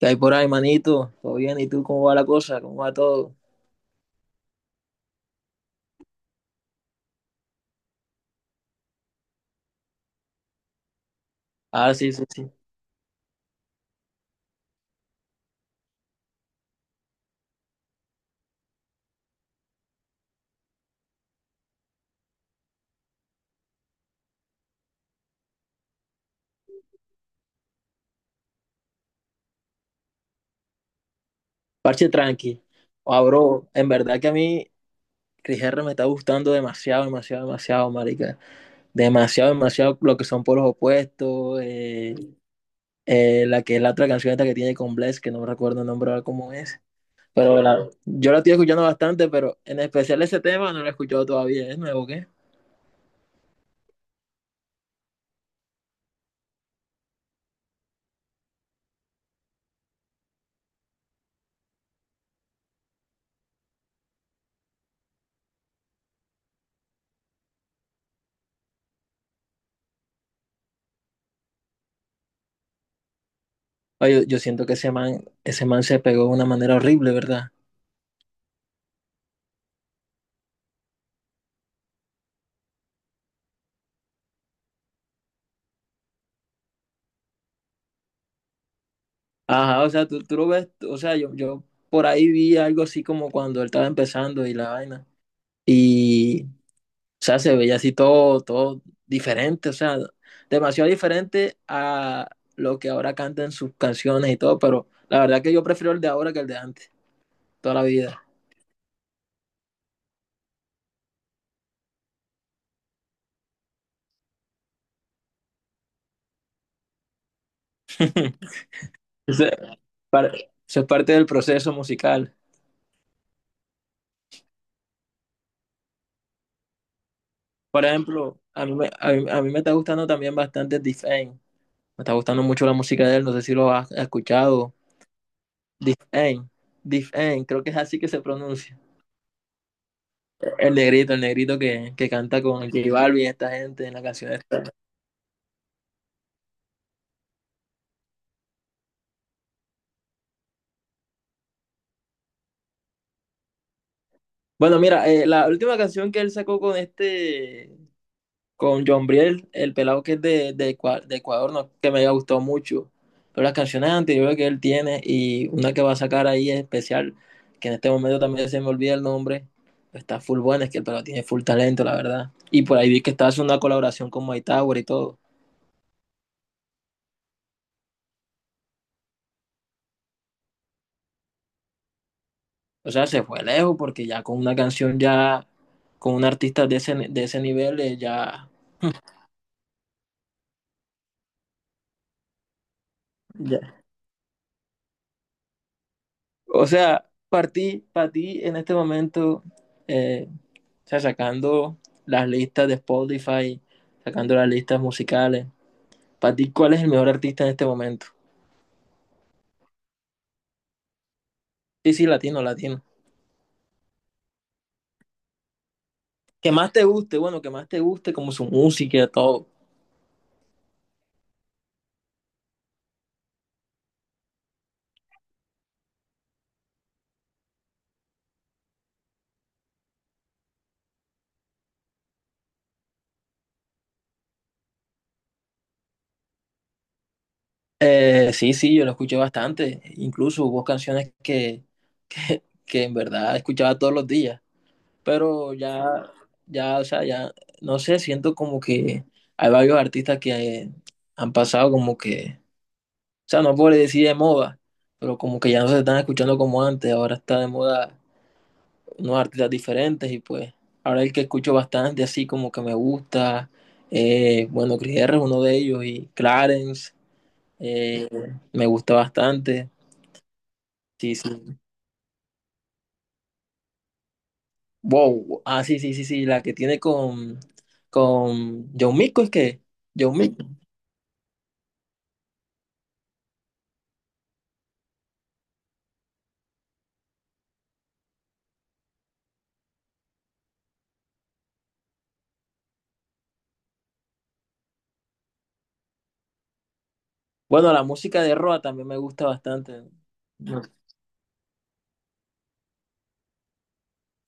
¿Qué hay por ahí, manito? ¿Todo bien? ¿Y tú cómo va la cosa? ¿Cómo va todo? Ah, sí, sí, sí. Parche tranqui. Ah, bro, en verdad que a mí Chris R me está gustando demasiado, demasiado, demasiado, marica. Demasiado, demasiado lo que son polos opuestos. La que es la otra canción esta que tiene con Bless, que no me recuerdo el nombre ahora cómo es. Pero yo la estoy escuchando bastante, pero en especial ese tema no lo he escuchado todavía. ¿Es nuevo, qué? Ay, yo siento que ese man se pegó de una manera horrible, ¿verdad? Ajá, o sea, tú lo ves, o sea, yo por ahí vi algo así como cuando él estaba empezando y la vaina. Y, o sea, se veía así todo, todo diferente, o sea, demasiado diferente a lo que ahora cantan sus canciones y todo, pero la verdad que yo prefiero el de ahora que el de antes, toda la vida. Eso es par- parte del proceso musical. Por ejemplo, a mí me está gustando también bastante Defane. Me está gustando mucho la música de él, no sé si lo has escuchado. Dif'en, Dif'en, creo que es así que se pronuncia. El negrito que canta con J Balvin, y esta gente en la canción esta. Bueno, mira, la última canción que él sacó con con John Briel, el pelado que es de Ecuador, no, que me gustó mucho. Pero las canciones anteriores que él tiene y una que va a sacar ahí es especial, que en este momento también se me olvida el nombre, está full buena, es que el pelado tiene full talento, la verdad. Y por ahí vi que estaba haciendo una colaboración con Mike Tower y todo. O sea, se fue lejos porque ya con una canción ya, con un artista de ese nivel, ya, ya. O sea, para ti en este momento, o sea, sacando las listas de Spotify, sacando las listas musicales, para ti, ¿cuál es el mejor artista en este momento? Sí, sí, latino, latino. Que más te guste, bueno, que más te guste como su música, todo. Sí, sí, yo lo escuché bastante. Incluso hubo canciones que en verdad escuchaba todos los días. Pero ya, ya, o sea, ya, no sé, siento como que hay varios artistas que eh, han pasado como que, o sea, no puedo decir de moda, pero como que ya no se están escuchando como antes, ahora está de moda unos artistas diferentes y pues ahora el que escucho bastante así como que me gusta, bueno, Chris R es uno de ellos y Clarence eh, me gusta bastante, sí, sí. Wow, ah, sí, sí, sí, sí, la que tiene con John Mico es que... John Mico. Bueno, la música de Roa también me gusta bastante. No sé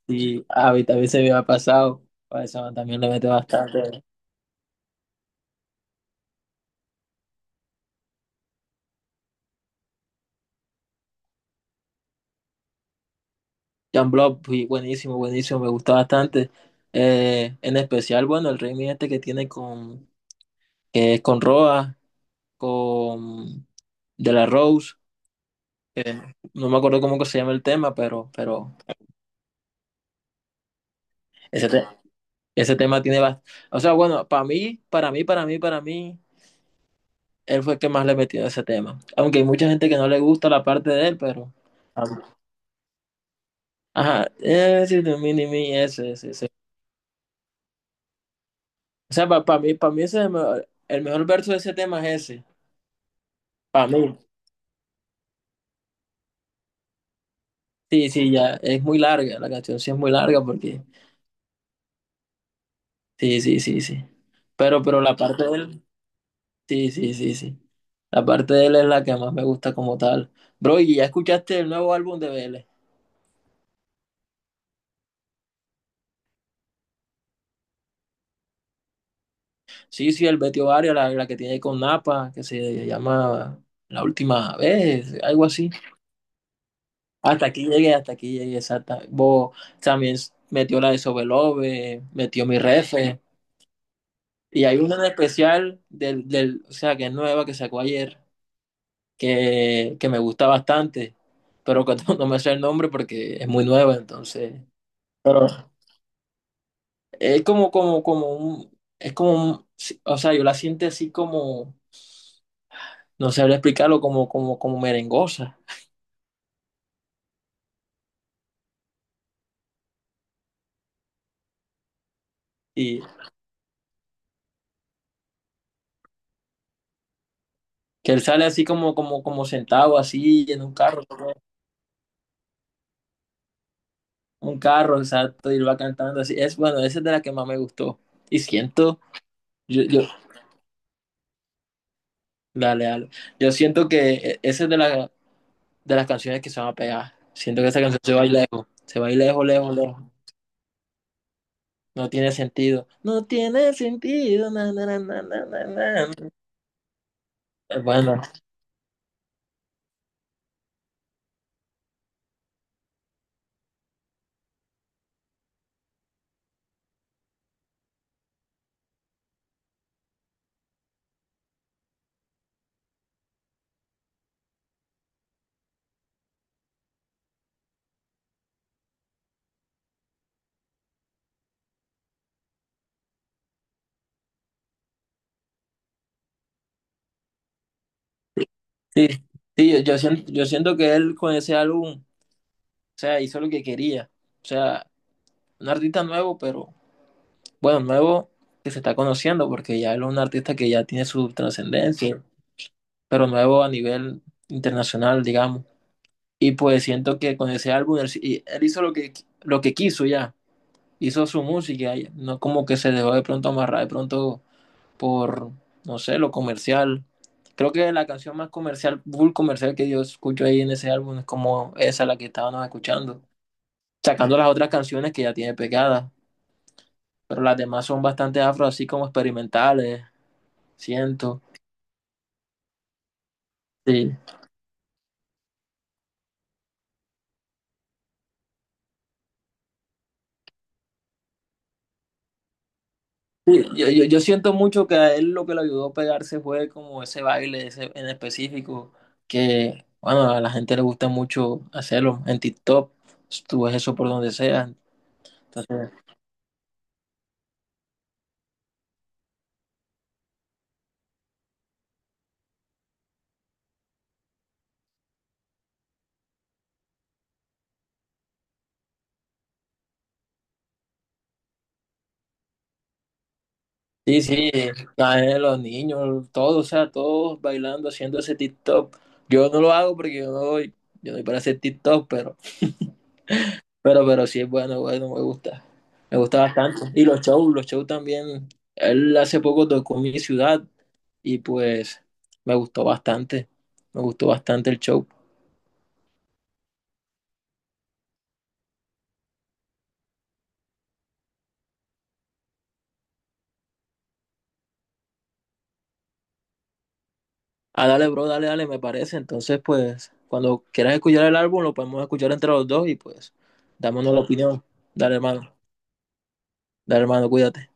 si a mí también se me ha pasado. A esa también le mete bastante. Jan Block, pues, buenísimo, buenísimo, me gusta bastante. En especial, bueno, el remix este que tiene que es con Roa, con De La Rose. No me acuerdo cómo que se llama el tema, pero ese, te- ese tema tiene bastante. O sea, bueno, para mí, él fue el que más le metió a ese tema. Aunque hay mucha gente que no le gusta la parte de él, pero. Ajá, ese si tú, mini, mi, ese ese eso. O sea, para mí ese es el mejor, verso de ese tema es ese. Para mí. Sí, sí, ya. Es muy larga. La canción sí es muy larga porque. Sí, sí, sí, sí. Pero la parte de él. Sí, sí, sí, sí. La parte de él es la que más me gusta como tal. Bro, ¿y ya escuchaste el nuevo álbum de Vélez? Sí, sí, el Betty Ovario, la que tiene con Napa, que se llama La Última Vez, algo así. Hasta aquí llegué, exacta. Vos también metió la de Sobelobe, metió mi refe. Y hay una en especial del, o sea, que es nueva, que sacó ayer, que me gusta bastante, pero que no, no me sé el nombre porque es muy nueva, entonces. Pero es como un, es como un, sí, o sea, yo la siento así como, no sabría explicarlo, como merengosa. Y que él sale así como sentado así en un carro. Un carro, exacto, y él va cantando así. Es bueno, esa es de la que más me gustó. Y siento, yo, yo, dale, dale. Yo siento que esa es de la, de las canciones que se van a pegar. Siento que esa canción se va a ir lejos, se va a ir lejos, lejos, lejos. No tiene sentido. No tiene sentido. Na, na, na, na, na, na, na. Bueno, sí, sí, yo siento que él con ese álbum, o sea, hizo lo que quería. O sea, un artista nuevo, pero bueno, nuevo que se está conociendo, porque ya él es un artista que ya tiene su trascendencia. Pero nuevo a nivel internacional, digamos. Y pues siento que con ese álbum él hizo lo que quiso ya, hizo su música, ya, no como que se dejó de pronto amarrar de pronto por, no sé, lo comercial. Creo que la canción más comercial, full comercial que yo escucho ahí en ese álbum es como esa la que estábamos escuchando, sacando las otras canciones que ya tiene pegadas, pero las demás son bastante afro, así como experimentales, siento. Sí. Sí, yo siento mucho que a él lo que le ayudó a pegarse fue como ese baile ese en específico, que bueno, a la gente le gusta mucho hacerlo en TikTok, tú ves eso por donde sea. Entonces, sí, sí, a él, los niños, todos, o sea, todos bailando, haciendo ese TikTok. Yo no lo hago porque yo no doy para hacer TikTok, pero sí es bueno, bueno, me gusta bastante. Y los shows también, él hace poco tocó en mi ciudad y pues me gustó bastante, me gustó bastante el show. Ah, dale, bro, dale, dale, me parece. Entonces, pues, cuando quieras escuchar el álbum, lo podemos escuchar entre los dos y pues, dámonos la opinión. Dale, hermano, dale, hermano, cuídate.